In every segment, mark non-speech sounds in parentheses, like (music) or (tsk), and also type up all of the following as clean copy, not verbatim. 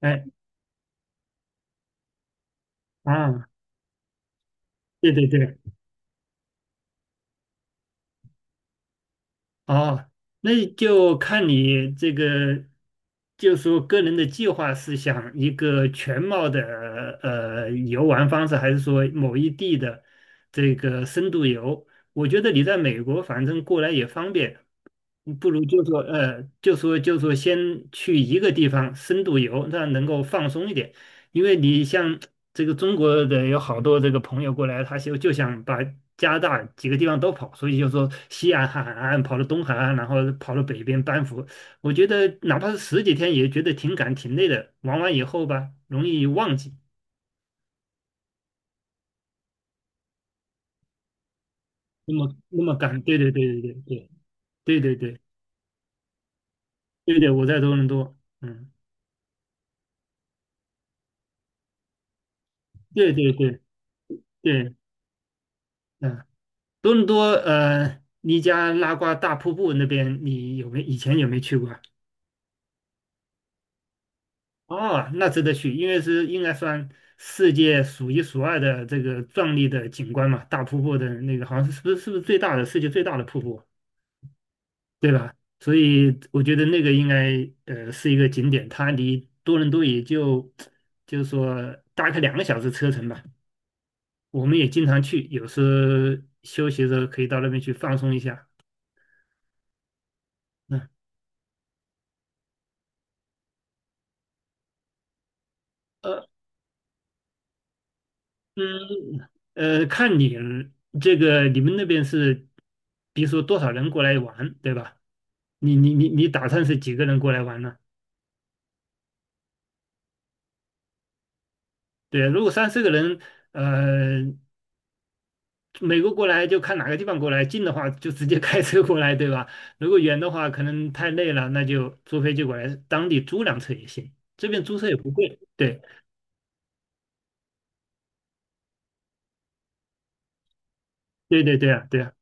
哎啊，对对对，哦，那就看你这个，就说个人的计划是想一个全貌的游玩方式，还是说某一地的这个深度游？我觉得你在美国反正过来也方便，你不如就说，就说先去一个地方深度游，这样能够放松一点。因为你像这个中国的有好多这个朋友过来，他就想把加拿大几个地方都跑，所以就说西岸海岸跑到东海岸，然后跑到北边班夫。我觉得哪怕是十几天，也觉得挺赶挺累的。玩完以后吧，容易忘记那么赶。对对对对对对对对对对，我在多伦多，嗯，对对对对，嗯。多伦多呃，尼加拉瓜大瀑布那边，你有没以前有没有去过？哦，那值得去，因为是应该算世界数一数二的这个壮丽的景观嘛，大瀑布的那个好像是不是最大的世界最大的瀑布，对吧？所以我觉得那个应该是一个景点，它离多伦多也就 (tsk) 就是说大概两个小时车程吧。我们也经常去，有时候休息的时候可以到那边去放松一下。嗯。呃嗯，看你这个你们那边是，比如说多少人过来玩，对吧？你打算是几个人过来玩呢？对，如果三四个人，呃，美国过来就看哪个地方过来，近的话就直接开车过来，对吧？如果远的话，可能太累了，那就坐飞机过来，当地租辆车也行，这边租车也不贵。对对对对啊，对啊。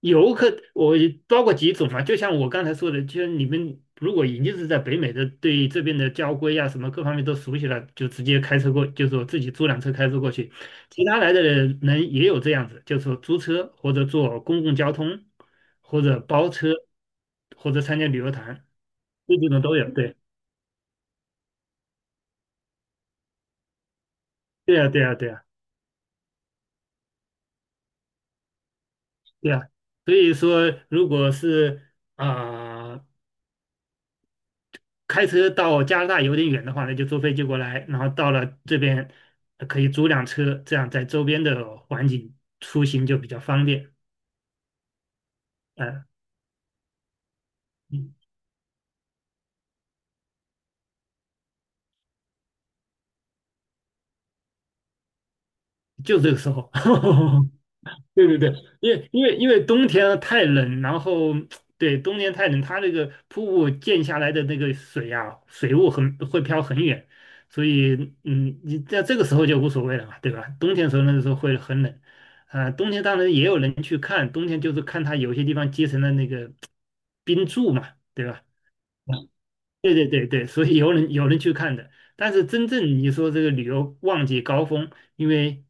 游客，我包括几种嘛，就像我刚才说的，就是你们如果已经是在北美的，对这边的交规啊什么各方面都熟悉了，就直接开车过，就是我自己租辆车开车过去。其他来的人也有这样子，就是说租车或者坐公共交通，或者包车，或者参加旅游团，这几种都有。对，对呀，对呀，对呀，对呀。所以说，如果是啊。开车到加拿大有点远的话呢，那就坐飞机过来，然后到了这边可以租辆车，这样在周边的环境出行就比较方便。呃，嗯就这个时候，(laughs) 对对对，因为冬天啊太冷，然后对冬天太冷，它那个瀑布溅下来的那个水啊，水雾很会飘很远，所以嗯，你在这个时候就无所谓了嘛，对吧？冬天时候那个时候会很冷，啊、冬天当然也有人去看，冬天就是看它有些地方结成了那个冰柱嘛，对吧？对对对对，所以有人去看的，但是真正你说这个旅游旺季高峰，因为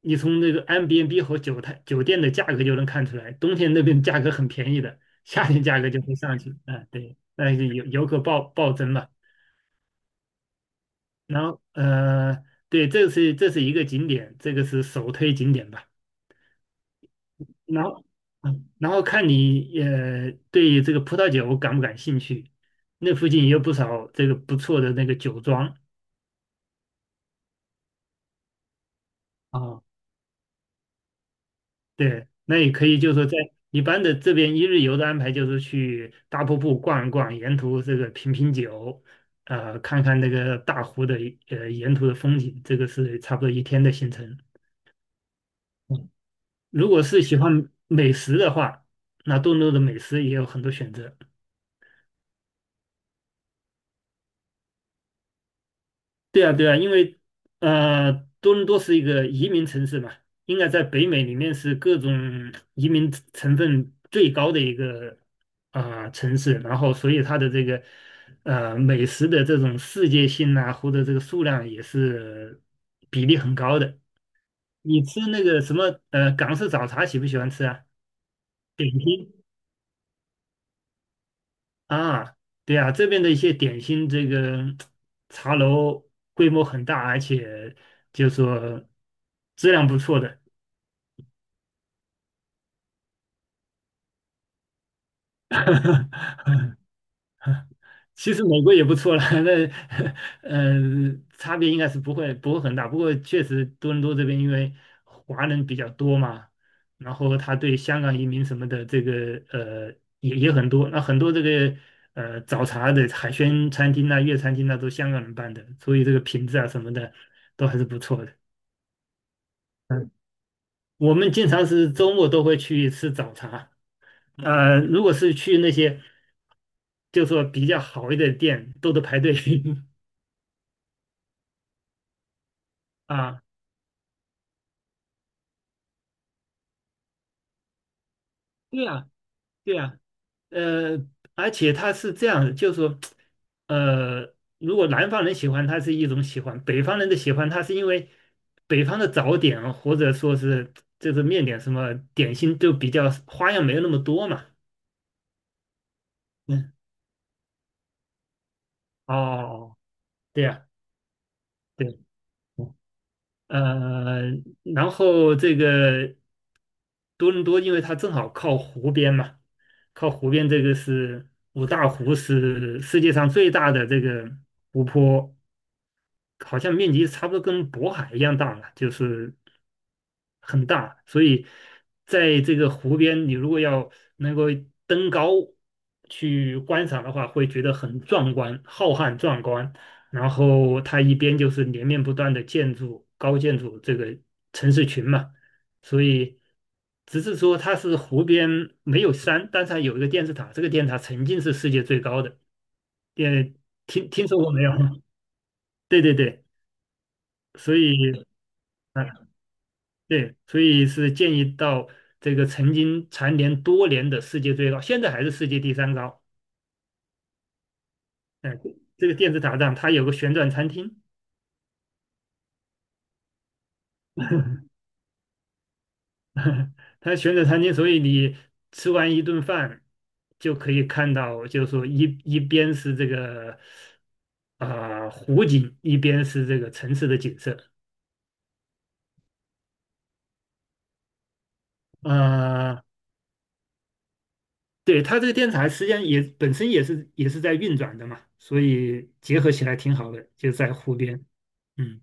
你从那个 MBNB 和酒店的价格就能看出来，冬天那边价格很便宜的，夏天价格就会上去。啊。对，但是游客暴增嘛。然后对，这是一个景点，这个是首推景点吧。然后嗯，然后看你也对这个葡萄酒感不感兴趣，那附近也有不少这个不错的那个酒庄。啊。对，那也可以，就是说在一般的这边一日游的安排，就是去大瀑布逛一逛，沿途这个品品酒，看看那个大湖的沿途的风景，这个是差不多一天的行程。嗯如果是喜欢美食的话，那多伦多的美食也有很多选择。对啊，对啊，因为呃，多伦多是一个移民城市嘛，应该在北美里面是各种移民成分最高的一个啊、城市，然后所以它的这个美食的这种世界性啊，或者这个数量也是比例很高的。你吃那个什么港式早茶喜不喜欢吃啊？点心啊，对啊，这边的一些点心，这个茶楼规模很大，而且就说质量不错的。(laughs) 其实美国也不错了，(laughs) 那呃差别应该是不会很大，不过确实多伦多这边因为华人比较多嘛，然后他对香港移民什么的这个呃也很多，那很多这个早茶的海鲜餐厅啊、粤餐厅啊都香港人办的，所以这个品质啊什么的都还是不错的。我们经常是周末都会去吃早茶。如果是去那些就说比较好一点的店，都得排队 (laughs) 啊。对呀、对啊，呃，而且它是这样的就是说，呃，如果南方人喜欢它是一种喜欢，北方人的喜欢它是因为北方的早点或者说是就是面点什么点心就比较花样没有那么多嘛。嗯，哦，对呀，对，呃，然后这个多伦多，因为它正好靠湖边嘛，靠湖边这个是五大湖是世界上最大的这个湖泊。好像面积差不多跟渤海一样大了，就是很大，所以在这个湖边，你如果要能够登高去观赏的话，会觉得很壮观、浩瀚壮观。然后它一边就是连绵不断的建筑、高建筑这个城市群嘛，所以只是说它是湖边没有山，但是它有一个电视塔，这个电视塔曾经是世界最高的。电听听说过没有？(laughs) 对对对，所以。啊。对，所以是建议到这个曾经蝉联多年的世界最高，现在还是世界第三高。哎，这个电子塔上它有个旋转餐厅，(laughs) 它旋转餐厅，所以你吃完一顿饭就可以看到，就是说一边是这个啊、湖景，一边是这个城市的景色。呃，对，它这个电台实际上也本身也是在运转的嘛，所以结合起来挺好的，就在湖边。嗯。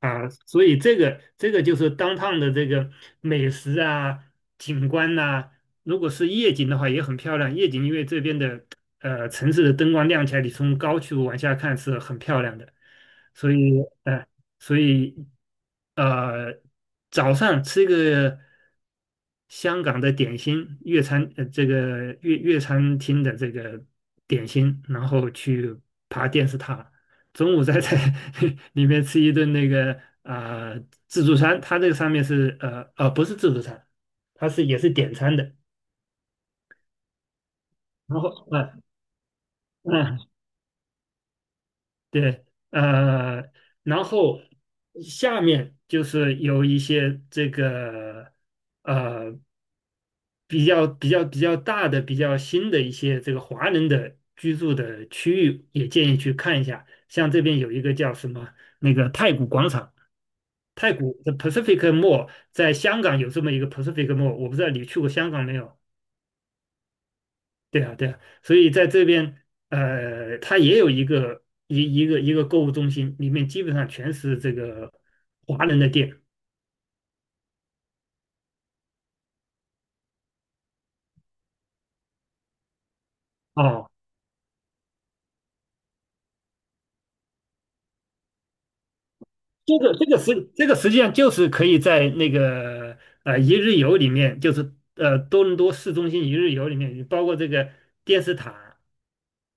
啊，所以这个就是当趟的这个美食啊、景观呐、如果是夜景的话也很漂亮。夜景因为这边的城市的灯光亮起来，你从高处往下看是很漂亮的。所以呃，所以呃，早上吃一个香港的点心，粤餐这个粤餐厅的这个点心，然后去爬电视塔，中午在 (laughs) 里面吃一顿那个啊、自助餐，它这个上面是不是自助餐，它是也是点餐的。然后嗯嗯对呃，然后下面就是有一些这个呃比较大的、比较新的一些这个华人的居住的区域，也建议去看一下。像这边有一个叫什么那个太古广场。太古的 Pacific Mall 在香港有这么一个 Pacific Mall，我不知道你去过香港没有？对啊，对啊，所以在这边，它也有一个购物中心，里面基本上全是这个华人的店哦。这个这个实这个实际上就是可以在那个一日游里面，就是多伦多市中心一日游里面，包括这个电视塔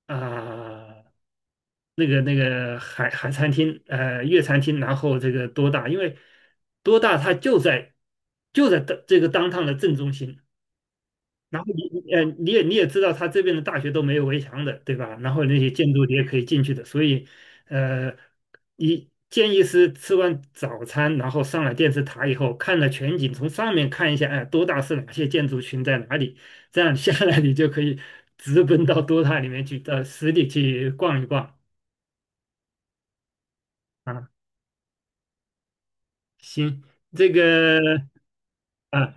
啊、那个餐厅，粤餐厅，然后这个多大，因为多大它就在就在的这个当趟的正中心，然后你你也知道，它这边的大学都没有围墙的，对吧？然后那些建筑你也可以进去的，所以呃，你建议是吃完早餐，然后上了电视塔以后，看了全景，从上面看一下，哎，多大是哪些建筑群在哪里，这样下来你就可以直奔到多大里面去，到实地去逛一逛。啊。行，这个啊，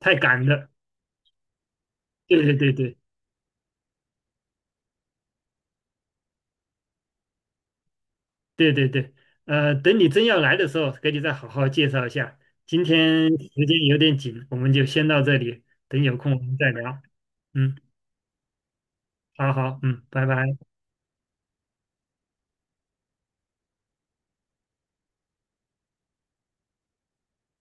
太赶了。对对对对对对对，等你真要来的时候，给你再好好介绍一下。今天时间有点紧，我们就先到这里，等有空我们再聊。嗯，好好，嗯，拜拜。